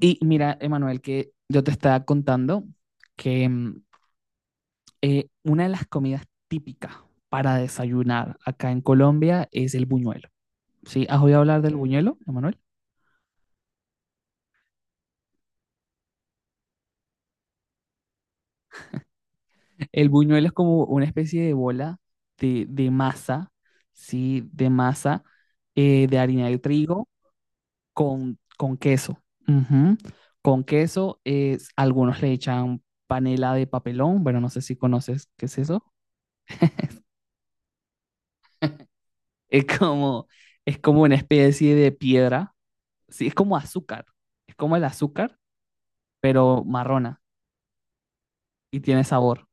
Y mira, Emanuel, que yo te estaba contando que una de las comidas típicas para desayunar acá en Colombia es el buñuelo. ¿Sí? ¿Has oído hablar del buñuelo, Emanuel? El buñuelo es como una especie de bola de masa, ¿sí? De masa de harina de trigo con queso. Ujú. Con queso, algunos le echan panela de papelón. Bueno, no sé si conoces qué es eso. Es como, es como una especie de piedra. Sí, es como azúcar. Es como el azúcar, pero marrona y tiene sabor.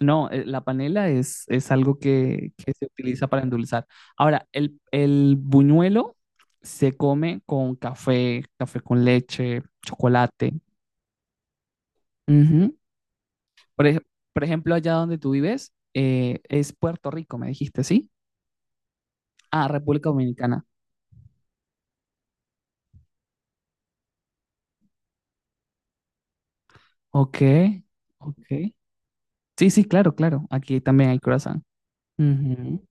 No, la panela es algo que se utiliza para endulzar. Ahora, el buñuelo se come con café, café con leche, chocolate. Ujú. Por, ej- por ejemplo, allá donde tú vives, es Puerto Rico, me dijiste, ¿sí? Ah, República Dominicana. Ok, ok. Sí, sí, claro, claro. Aquí también hay croissant. Ujú.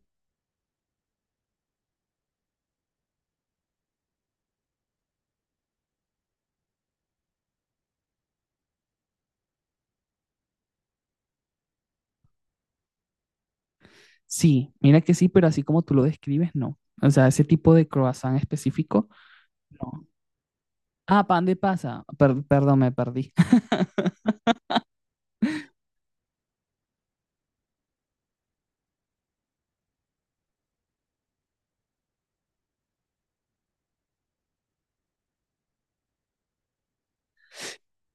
Sí, mira que sí, pero así como tú lo describes, no. O sea, ese tipo de croissant específico, no. Ah, pan de pasa. Perdón, me perdí.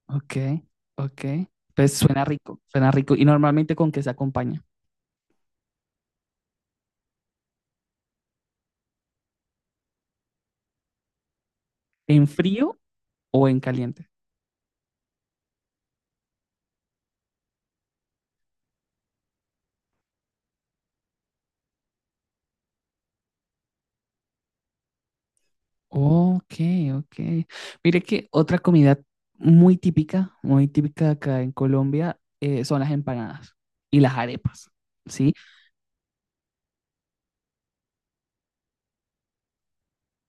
Ok, ok. Pues suena rico, suena rico. ¿Y normalmente con qué se acompaña? ¿En frío o en caliente? Ok, ok. Mire que otra comida muy típica acá en Colombia, son las empanadas y las arepas, ¿sí?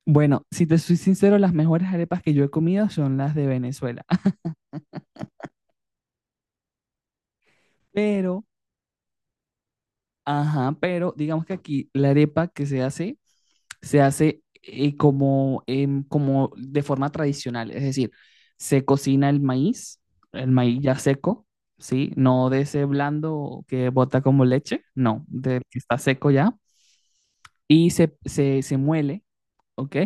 Bueno, si te soy sincero, las mejores arepas que yo he comido son las de Venezuela. Pero, ajá, pero digamos que aquí la arepa que se hace como, como de forma tradicional, es decir, se cocina el maíz ya seco, ¿sí? No de ese blando que bota como leche, no, de que está seco ya, y se muele, ¿ok?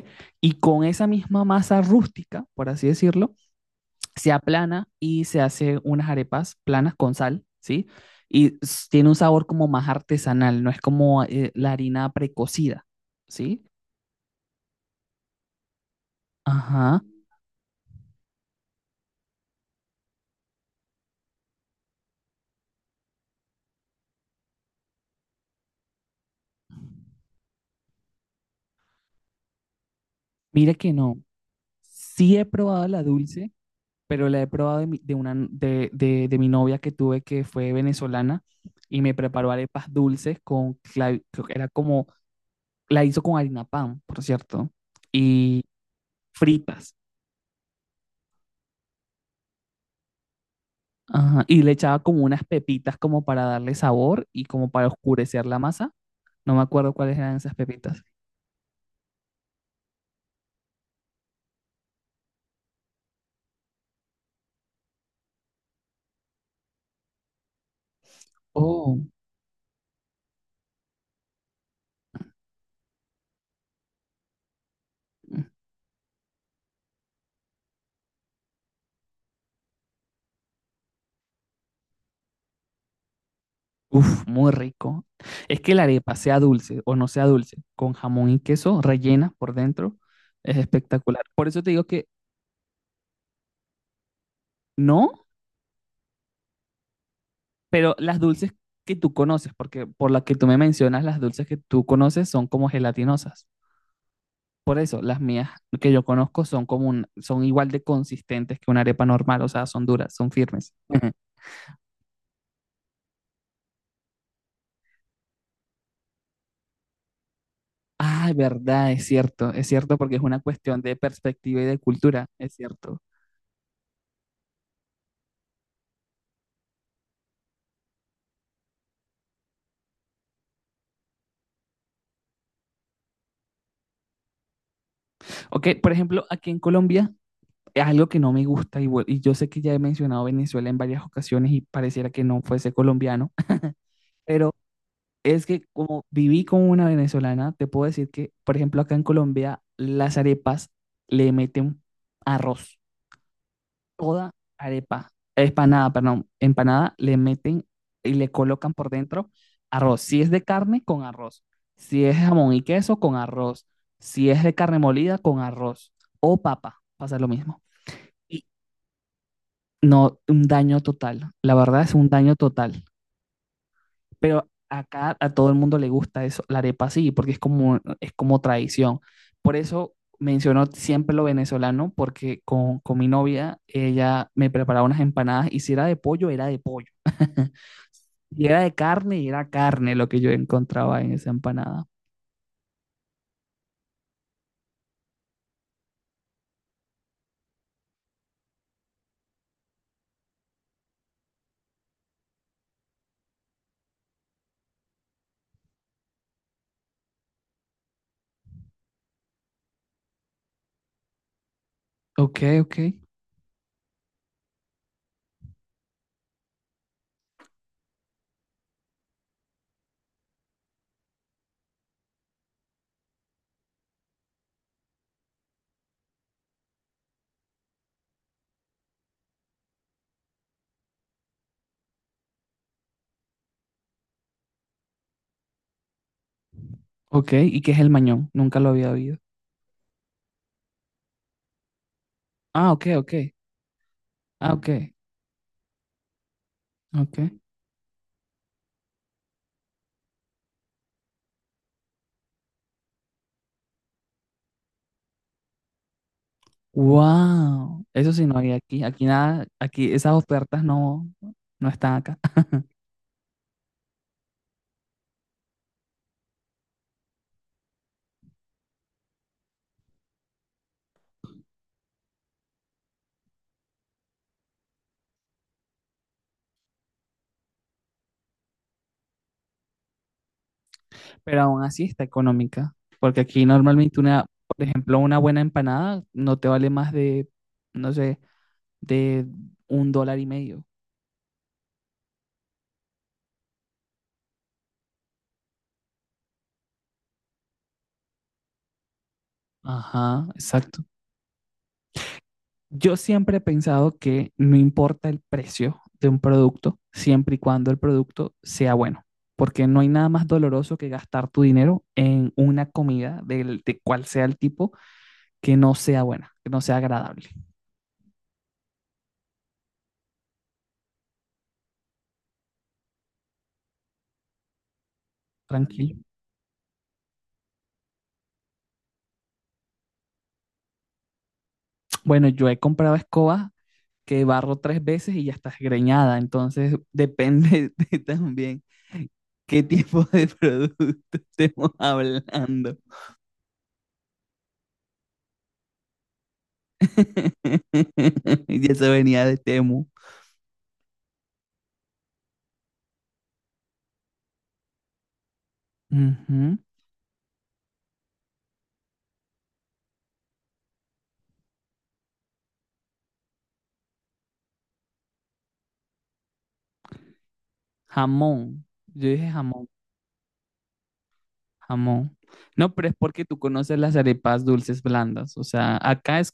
Y con esa misma masa rústica, por así decirlo, se aplana y se hace unas arepas planas con sal, ¿sí? Tiene un sabor como más artesanal, no es como la harina precocida, ¿sí? Ajá, mira que no. Sí he probado la dulce, pero la he probado de mi, de una, n- de mi novia que tuve que fue venezolana y me preparó arepas dulces con, creo que era como, la hizo con harina pan, por cierto, y fritas. Ajá, y le echaba como unas pepitas como para darle sabor y como para oscurecer la masa. No me acuerdo cuáles eran esas pepitas. Oh, mm, uf, muy rico. Es que la arepa, sea dulce o no sea dulce, con jamón y queso rellena por dentro, es espectacular. Por eso te digo que no, pero las dulces que tú conoces, porque por las que tú me mencionas, las dulces que tú conoces son como gelatinosas. Por eso, las mías que yo conozco son igual de consistentes que una arepa normal, o sea, son duras, son firmes. Ah, verdad, es cierto porque es una cuestión de perspectiva y de cultura, es cierto. Ok, por ejemplo, aquí en Colombia es algo que no me gusta y, y yo sé que ya he mencionado Venezuela en varias ocasiones y pareciera que no fuese colombiano, pero es que como viví con una venezolana, te puedo decir que, por ejemplo, acá en Colombia las arepas le meten arroz. Toda arepa, empanada, perdón, empanada, le meten y le colocan por dentro arroz. Si es de carne, con arroz. Si es jamón y queso, con arroz. Si es de carne molida, con arroz. O papa, pasa lo mismo. Y no, un daño total. La verdad es un daño total. Pero acá a todo el mundo le gusta eso, la arepa sí, porque es como tradición. Por eso menciono siempre lo venezolano, porque con mi novia, ella me preparaba unas empanadas y si era de pollo, era de pollo. Y era de carne y era carne lo que yo encontraba en esa empanada. Ok, ok, ok. ¿Y qué es el mañón? Nunca lo había oído. Ah, ok, ok. Ah, ok, ok. Wow. Eso sí no hay aquí. Aquí nada, aquí esas ofertas no, no están acá. Pero aún así está económica, porque aquí normalmente una, por ejemplo, una buena empanada no te vale más de, no sé, de $1.50. Ajá, exacto. Yo siempre he pensado que no importa el precio de un producto, siempre y cuando el producto sea bueno, porque no hay nada más doloroso que gastar tu dinero en una comida del, de cual sea el tipo que no sea buena, que no sea agradable. Tranquilo. Bueno, yo he comprado escobas que barro tres veces y ya estás greñada. Entonces, depende de también qué tipo de producto estemos hablando. Y eso venía de Temu. Ujú. Jamón. Yo dije jamón, jamón. No, pero es porque tú conoces las arepas dulces blandas. O sea, acá es,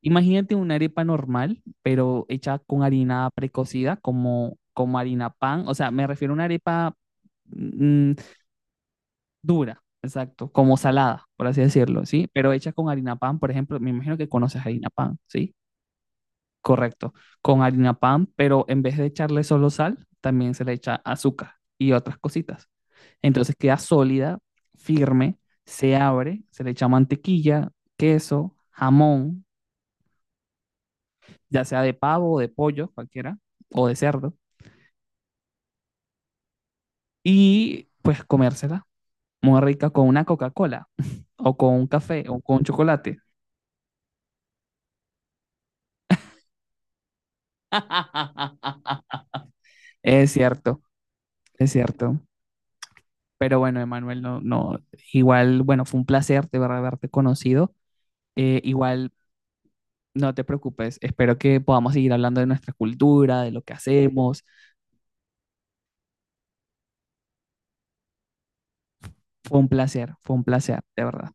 imagínate una arepa normal, pero hecha con harina precocida, como, como harina pan. O sea, me refiero a una arepa. mm, Dura, exacto, como salada, por así decirlo, ¿sí? Pero hecha con harina pan, por ejemplo, me imagino que conoces harina pan, ¿sí? Correcto, con harina pan, pero en vez de echarle solo sal, también se le echa azúcar y otras cositas. Entonces queda sólida, firme, se abre, se le echa mantequilla, queso, jamón, ya sea de pavo o de pollo, cualquiera, o de cerdo, y pues comérsela muy rica con una Coca-Cola o con un café o con chocolate. Es cierto, es cierto. Pero bueno, Emanuel, no, no, igual, bueno, fue un placer de verdad haberte conocido. Igual, no te preocupes, espero que podamos seguir hablando de nuestra cultura, de lo que hacemos. Fue un placer, de verdad.